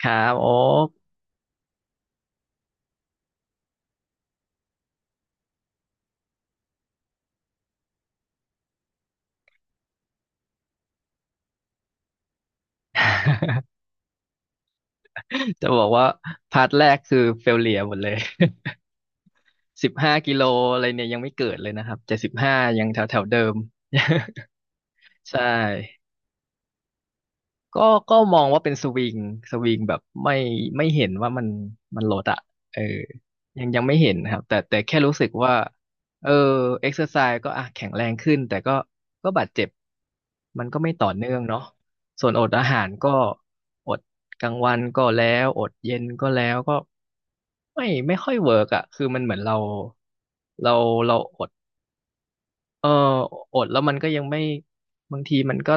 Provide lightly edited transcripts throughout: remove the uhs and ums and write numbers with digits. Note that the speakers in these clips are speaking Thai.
ครับโอ๊ก จะบอกว่าพาร์ทแรกคือเฟลเลียหมดเลย 15 กิโลอะไรเนี่ยยังไม่เกิดเลยนะครับแต่สิบห้ายังแถวแถวเดิม ใช่ ก็ก็มองว่าเป็นสวิงแบบไม่เห็นว่ามันลดอะเออยังไม่เห็นนะครับแต่แค่รู้สึกว่าเออเอ็กซ์เซอร์ไซส์ก็อ่ะแข็งแรงขึ้นแต่ก็บาดเจ็บมันก็ไม่ต่อเนื่องเนาะส่วนอดอาหารก็อดกลางวันก็แล้วอดเย็นก็แล้วก็ไม่ค่อยเวิร์กอะคือมันเหมือนเราเราอดเอออดแล้วมันก็ยังไม่บางทีมันก็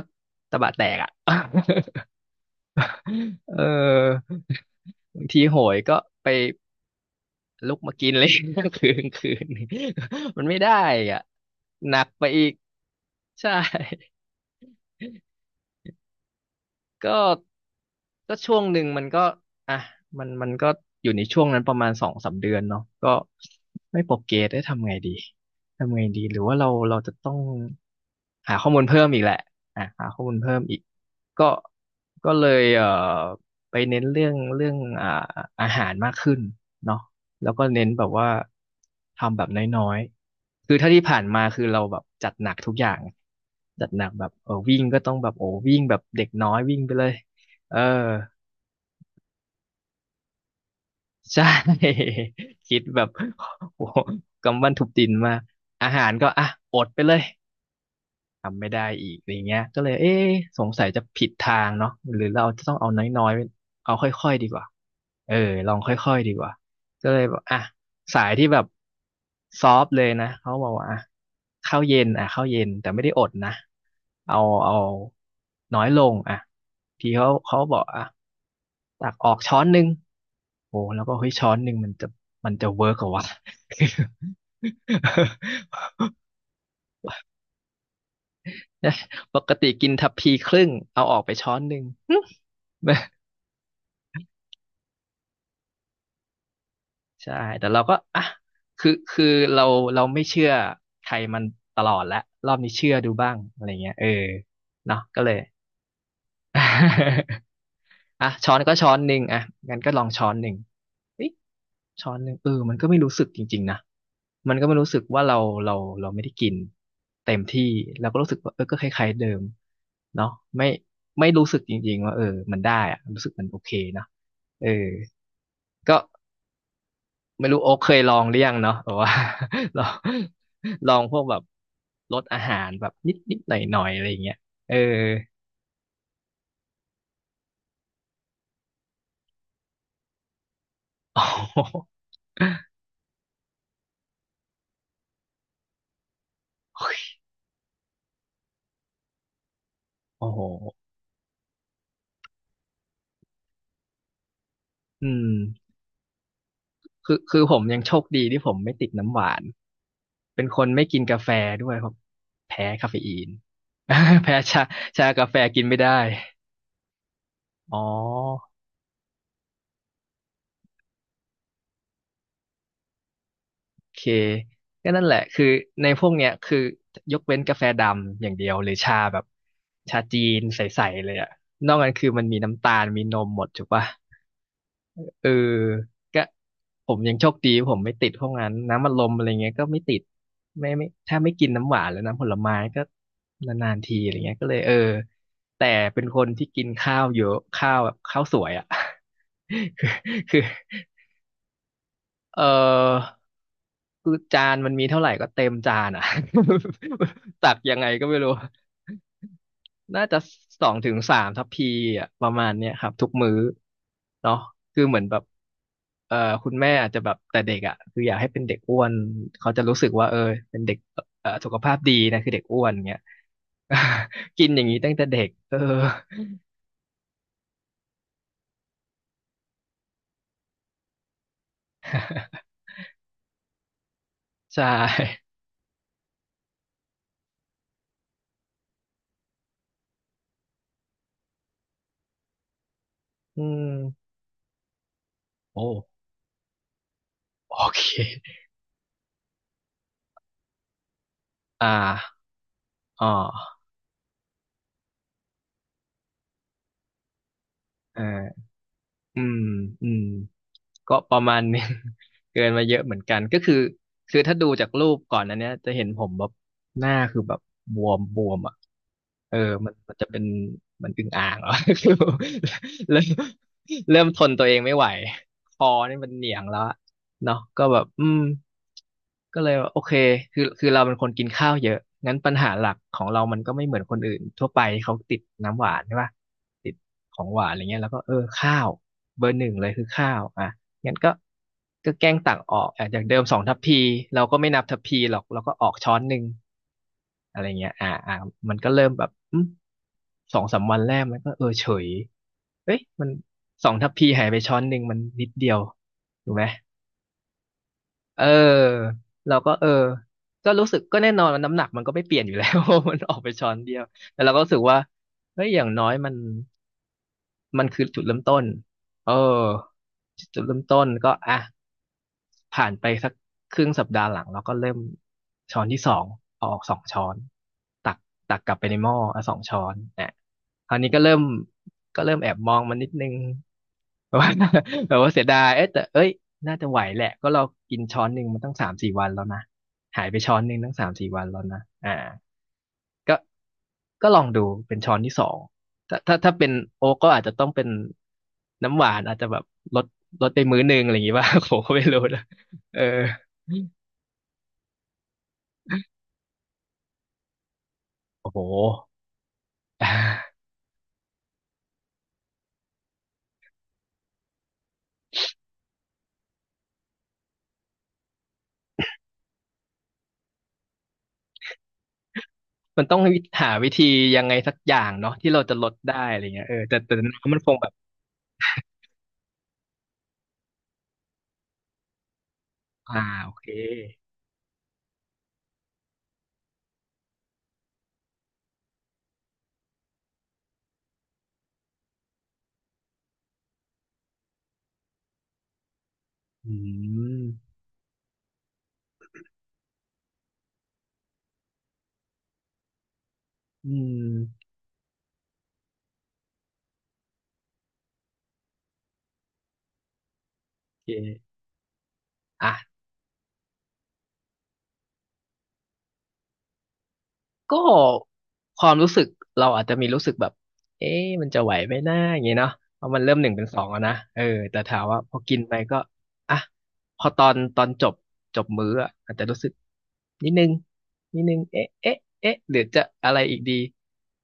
ตะบะแตกอะ เออบางทีโหยก็ไปลุกมากินเลย คืนคืนมันไม่ได้อ่ะหนักไปอีกใช่ ก็ก็ช่วงหนึ่งมันก็อ่ะมันก็อยู่ในช่วงนั้นประมาณ2-3 เดือนเนาะก็ไม่โปรเกรสได้ทำไงดีทำไงดีหรือว่าเราจะต้องหาข้อมูลเพิ่มอีกแหละอ่ะหาข้อมูลเพิ่มอีกก็ก็เลยไปเน้นเรื่องอาหารมากขึ้นเนาะแล้วก็เน้นแบบว่าทำแบบน้อยๆ คือถ้าที่ผ่านมาคือเราแบบจัดหนักทุกอย่างจัดหนักแบบเออวิ่งก็ต้องแบบโอ้วิ่งแบบเด็กน้อยวิ่งไปเลยเออใช่ คิดแบบโอ้โหกำบันทุบดินมากอาหารก็อ่ะอดไปเลย ทำไม่ได้อีกอะไรเงี้ยก็เลยเอ๊ะสงสัยจะผิดทางเนาะหรือเราจะต้องเอาน้อยๆเอาค่อยๆดีกว่าเออลองค่อยๆดีกว่าก็เลยบอกอ่ะสายที่แบบซอฟต์เลยนะเขาบอกว่าอ่ะข้าวเย็นอ่ะข้าวเย็นแต่ไม่ได้อดนะเอาเอาน้อยลงอ่ะพี่เขาบอกอ่ะตักออกช้อนหนึ่งโอ้แล้วก็เฮ้ยช้อนหนึ่งมันจะเวิร์กเหรอวะ ปกติกินทัพพีครึ่งเอาออกไปช้อนหนึ่ง หึใช่แต่เราก็อ่ะคือเราเราไม่เชื่อใครมันตลอดแล้วรอบนี้เชื่อดูบ้างอะไรเงี้ยเออเนาะก็เลย อ่ะช้อนก็ช้อนหนึ่งอ่ะงั้นก็ลองช้อนหนึ่งเอ๊ะช้อนหนึ่งเออมันก็ไม่รู้สึกจริงๆนะมันก็ไม่รู้สึกว่าเราเราไม่ได้กินเต็มที่เราก็รู้สึกว่าเออก็คล้ายๆเดิมเนาะไม่ไม่รู้สึกจริงๆว่าเออมันได้อะรู้สึกมันโอเคนะเออก็ไม่รู้โอ๊คเคยลองหรือยังเนาะแบบว่า ลองลองพวกแบบรสอาหารแบบนิดนิดหน่อยหน่อยๆอะไรอย่างเงี้ยเออ โอ้โหโอ้โหอืม คือผมยังโชคดีที่ผมไม่ติดน้ำหวานเป็นคนไม่กินกาแฟด้วยครับแพ้คาเฟอีน แพ้ชาชากาแฟกินไม่ได้อ๋อโอเคก็นั่นแหละคือในพวกเนี้ยคือยกเว้นกาแฟดำอย่างเดียวหรือชาแบบชาจีนใสๆเลยอะนอกนั้นคือมันมีน้ำตาลมีนมหมดถูกปะ เออก็ผมยังโชคดีผมไม่ติดพวกนั้นน้ำอัดลมอะไรเงี้ยก็ไม่ติดไม่ถ้าไม่กินน้ำหวานแล้วน้ำผลไม้ก็นานๆทีอะไรเงี้ยก็เลยเออแต่เป็นคนที่กินข้าวเยอะข้าวแบบข้าวสวยอ่ะ คือเออคือจานมันมีเท่าไหร่ก็เต็มจานอ่ะ ตักยังไงก็ไม่รู้ น่าจะ2 ถึง 3 ทัพพีอ่ะประมาณเนี้ยครับทุกมื้อเนาะคือเหมือนแบบเอ่อคุณแม่อาจจะแบบแต่เด็กอ่ะคืออยากให้เป็นเด็กอ้วนเขาจะรู้สึกว่าเออเป็นเด็กสุขภาพดีนะคือเด็กอ้วนเงี้ย กินอย่างนี้ตั้งแต่เด็กเออ ใช่อืมโอ้โอเคอ่าอ๋อเออ อืมอืมก็ประมาณนึง เกินมาเยอะเหมือนกันก็คือถ้าดูจากรูปก่อนอันเนี้ยจะเห็นผมแบบหน้าคือแบบบวมบวมอ่ะเออมันจะเป็นมันอึ่งอ่างเหรอ คือเริ่มเริ่มทนตัวเองไม่ไหวคอนี่มันเหนียงแล้วอะเนาะก็แบบอืมก็เลยว่าโอเคคือเราเป็นคนกินข้าวเยอะงั้นปัญหาหลักของเรามันก็ไม่เหมือนคนอื่นทั่วไปเขาติดน้ำหวานใช่ป่ะติดของหวานอะไรเงี้ยแล้วก็เออข้าว เบอร์หนึ่งเลยคือข้าวอ่ะงั้นก็แกล้งตักออกอ่ะจากเดิมสองทัพพีเราก็ไม่นับทัพพีหรอกเราก็ออกช้อนหนึ่งอะไรเงี้ยมันก็เริ่มแบบสองสามวันแรกมันก็เออเฉยเอ้ยมันสองทัพพีหายไปช้อนหนึ่งมันนิดเดียวถูกไหมเออเราก็เออก็รู้สึกก็แน่นอนว่าน้ำหนักมันก็ไม่เปลี่ยนอยู่แล้ว มันออกไปช้อนเดียวแต่เราก็รู้สึกว่าเฮ้ยอย่างน้อยมัน มันคือจุดเริ่มต้นเออจุดเริ่มต้นก็อ่ะผ่านไปสักครึ่งสัปดาห์หลังเราก็เริ่มช้อนที่สองเอาออกสองช้อนตักตักกลับไปในหม้ออ่ะสองช้อนอ่ะคราวนี้ก็เริ่มเริ่มแอบมองมันนิดนึง แบบว่าแบบว่าเสียดายเอ๊ะแต่เอ้ยน่าจะไหวแหละ ก็เรากินช้อนหนึ่งมันตั้งสามสี่วันแล้วนะ หายไปช้อนหนึ่งตั้งสามสี่วันแล้วนะอ่า ก็ลองดูเป็นช้อนที่สองถ้าเป็นโอ๊กก็อาจจะต้องเป็นน้ำหวานอาจจะแบบลดไปมื้อหนึ่งอะไรอย่างงี้ป่ะ ผมก็ไม่รู้นะเออโอ้โหอ่ามันต้องหาวิธียังไงสักอย่างเนาะที่เราจะลดได้อะไรเงี้ยเออแต่น้ำมันคงแบบ อ่าโอเคอืมอืมโอเคอ่ะ ก็ความรู้สึกเราอาจจะมีรู้สึกแบบเอ๊ะมันจะไหวไหมนะอย่างเงี้ยเนาะเพราะมันเริ่มหนึ่งเป็นสองแล้วนะเออแต่ถามว่าพอกินไปก็อ่ะพอตอนจบจบมื้ออะอาจจะรู้สึกนิดนึงนิดนึงเอ๊ะหรือจะอะไรอีกดี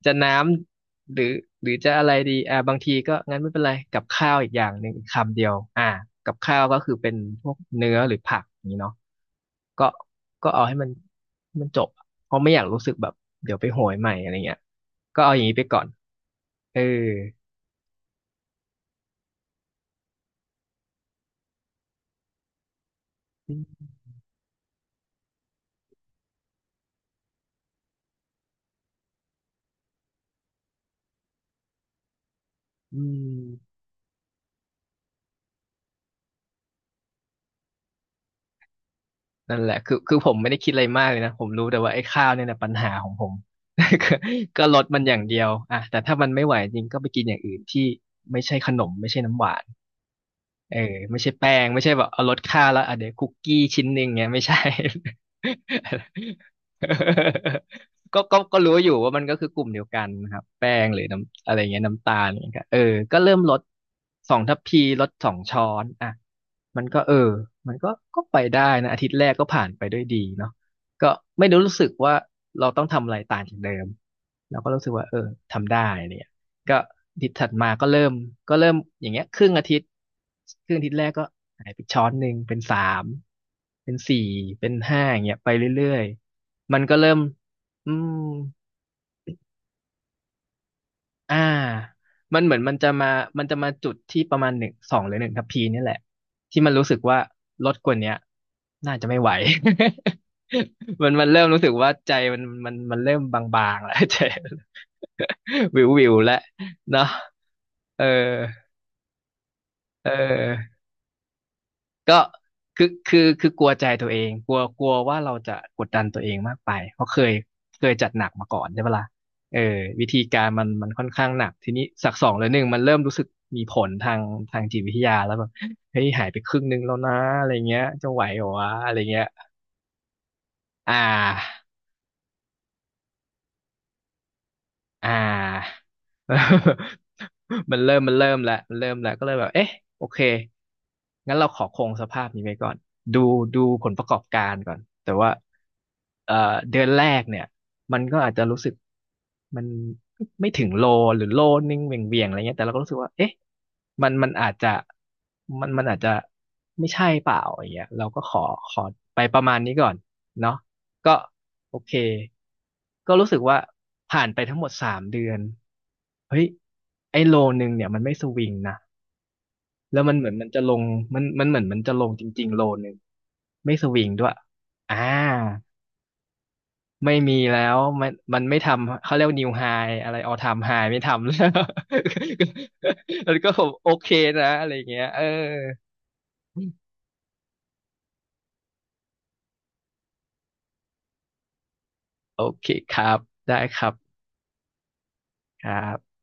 จะน้ำหรือหรือจะอะไรดีอ่าบางทีก็งั้นไม่เป็นไรกับข้าวอีกอย่างหนึ่งอีกคำเดียวอ่ากับข้าวก็คือเป็นพวกเนื้อหรือผักอย่างนี้เนาะ ก็เอาให้มันจบอะเพราะไม่อยากรู้สึกแบบเดี๋ยวไปโหยใหม่อะไรเงี้ยก็เอาอย่างนี้ไปก่อนเอออืมอืมนั่นแหละคือคือผมไม่ได้คิดอะไรมากเลยนะผมรู้แต่ว่าไอ้ข้าวเนี่ยแหละปัญหาของผม ก็ลดมันอย่างเดียวอ่ะแต่ถ้ามันไม่ไหวจริงก็ไปกินอย่างอื่นที่ไม่ใช่ขนมไม่ใช่น้ำหวาน เออไม่ใช่แป้งไม่ใช่แบบเอาลดค่าแล้วอ่ะเดี๋ยวคุกกี้ชิ้นหนึ่งเงี้ยไม่ใช่ ก็รู้อยู่ว่ามันก็คือกลุ่มเดียวกันนะครับแป้งหรือน้ำอะไรเงี้ยน้ำตาลเงี้ยก็เออก็เริ่มลดสองทัพพีลดสองช้อนอ่ะมันก็เออมันก็ไปได้นะอาทิตย์แรกก็ผ่านไปด้วยดีเนาะก็ไม่ได้รู้สึกว่าเราต้องทำอะไรต่างจากเดิมเราก็รู้สึกว่าเออทำได้เนี่ย ก็อาทิตย์ถัดมาก็เริ่มก็เริ่มอย่างเงี้ยครึ่งอาทิตย์ครึ่งอาทิตย์แรกก็หายไปช้อนหนึ่งเป็นสามเป็นสี่เป็นห้าอย่างเงี้ยไปเรื่อยๆมันก็เริ่มอืมอ่ามันเหมือนมันจะมาจุดที่ประมาณหนึ่งสองหรือหนึ่งทัพพีนี่แหละที่มันรู้สึกว่าลดกว่าเนี้ยน่าจะไม่ไหว มันเริ่มรู้สึกว่าใจมันเริ่มบางๆแล้วใจ วิวๆแล้วเนาะเออ เออก็คือกลัวใจตัวเองกลัวกลัวว่าเราจะกดดันตัวเองมากไปเพราะเคยจัดหนักมาก่อนใช่ปะล่ะเออวิธีการมันค่อนข้างหนักทีนี้สักสองหรือหนึ่งมันเริ่มรู้สึกมีผลทางจิตวิทยาแล้วแบบเฮ้ยหายไปครึ่งหนึงแล้วนะอะไรเงี้ยจะไหวเหรอวะอะไรเงี้ยอ่า อ่า มันเริ่มแล้วก็เลยแบบเอ๊ะโอเคงั้นเราขอคงสภาพนี้ไว้ก่อนดูผลประกอบการก่อนแต่ว่าเอ่อเดือนแรกเนี่ยมันก็อาจจะรู้สึกมันไม่ถึงโลหรือโลนิ่งเหวี่ยงๆอะไรเงี้ยแต่เราก็รู้สึกว่าเอ๊ะมันมันอาจจะมันมันอาจจะไม่ใช่เปล่าอย่างเงี้ยเราก็ขอขอไปประมาณนี้ก่อน เนาะก็โอเคก็รู้สึกว่าผ่านไปทั้งหมดสามเดือนเฮ้ยไอ้โลนึงเนี่ยมันไม่สวิงนะแล้วมันเหมือนมันจะลงมันมันเหมือนมันจะลงจริงๆโลนึงไม่สวิงด้วยอ่าไม่มีแล้วมันไม่ทำเขาเรียกนิวไฮอะไรออทำไฮไม่ทำแล้ว แล้วก็ผมโอเคนะอะไรอย่างเงี้ยเออโอเคครับได้ครับครับ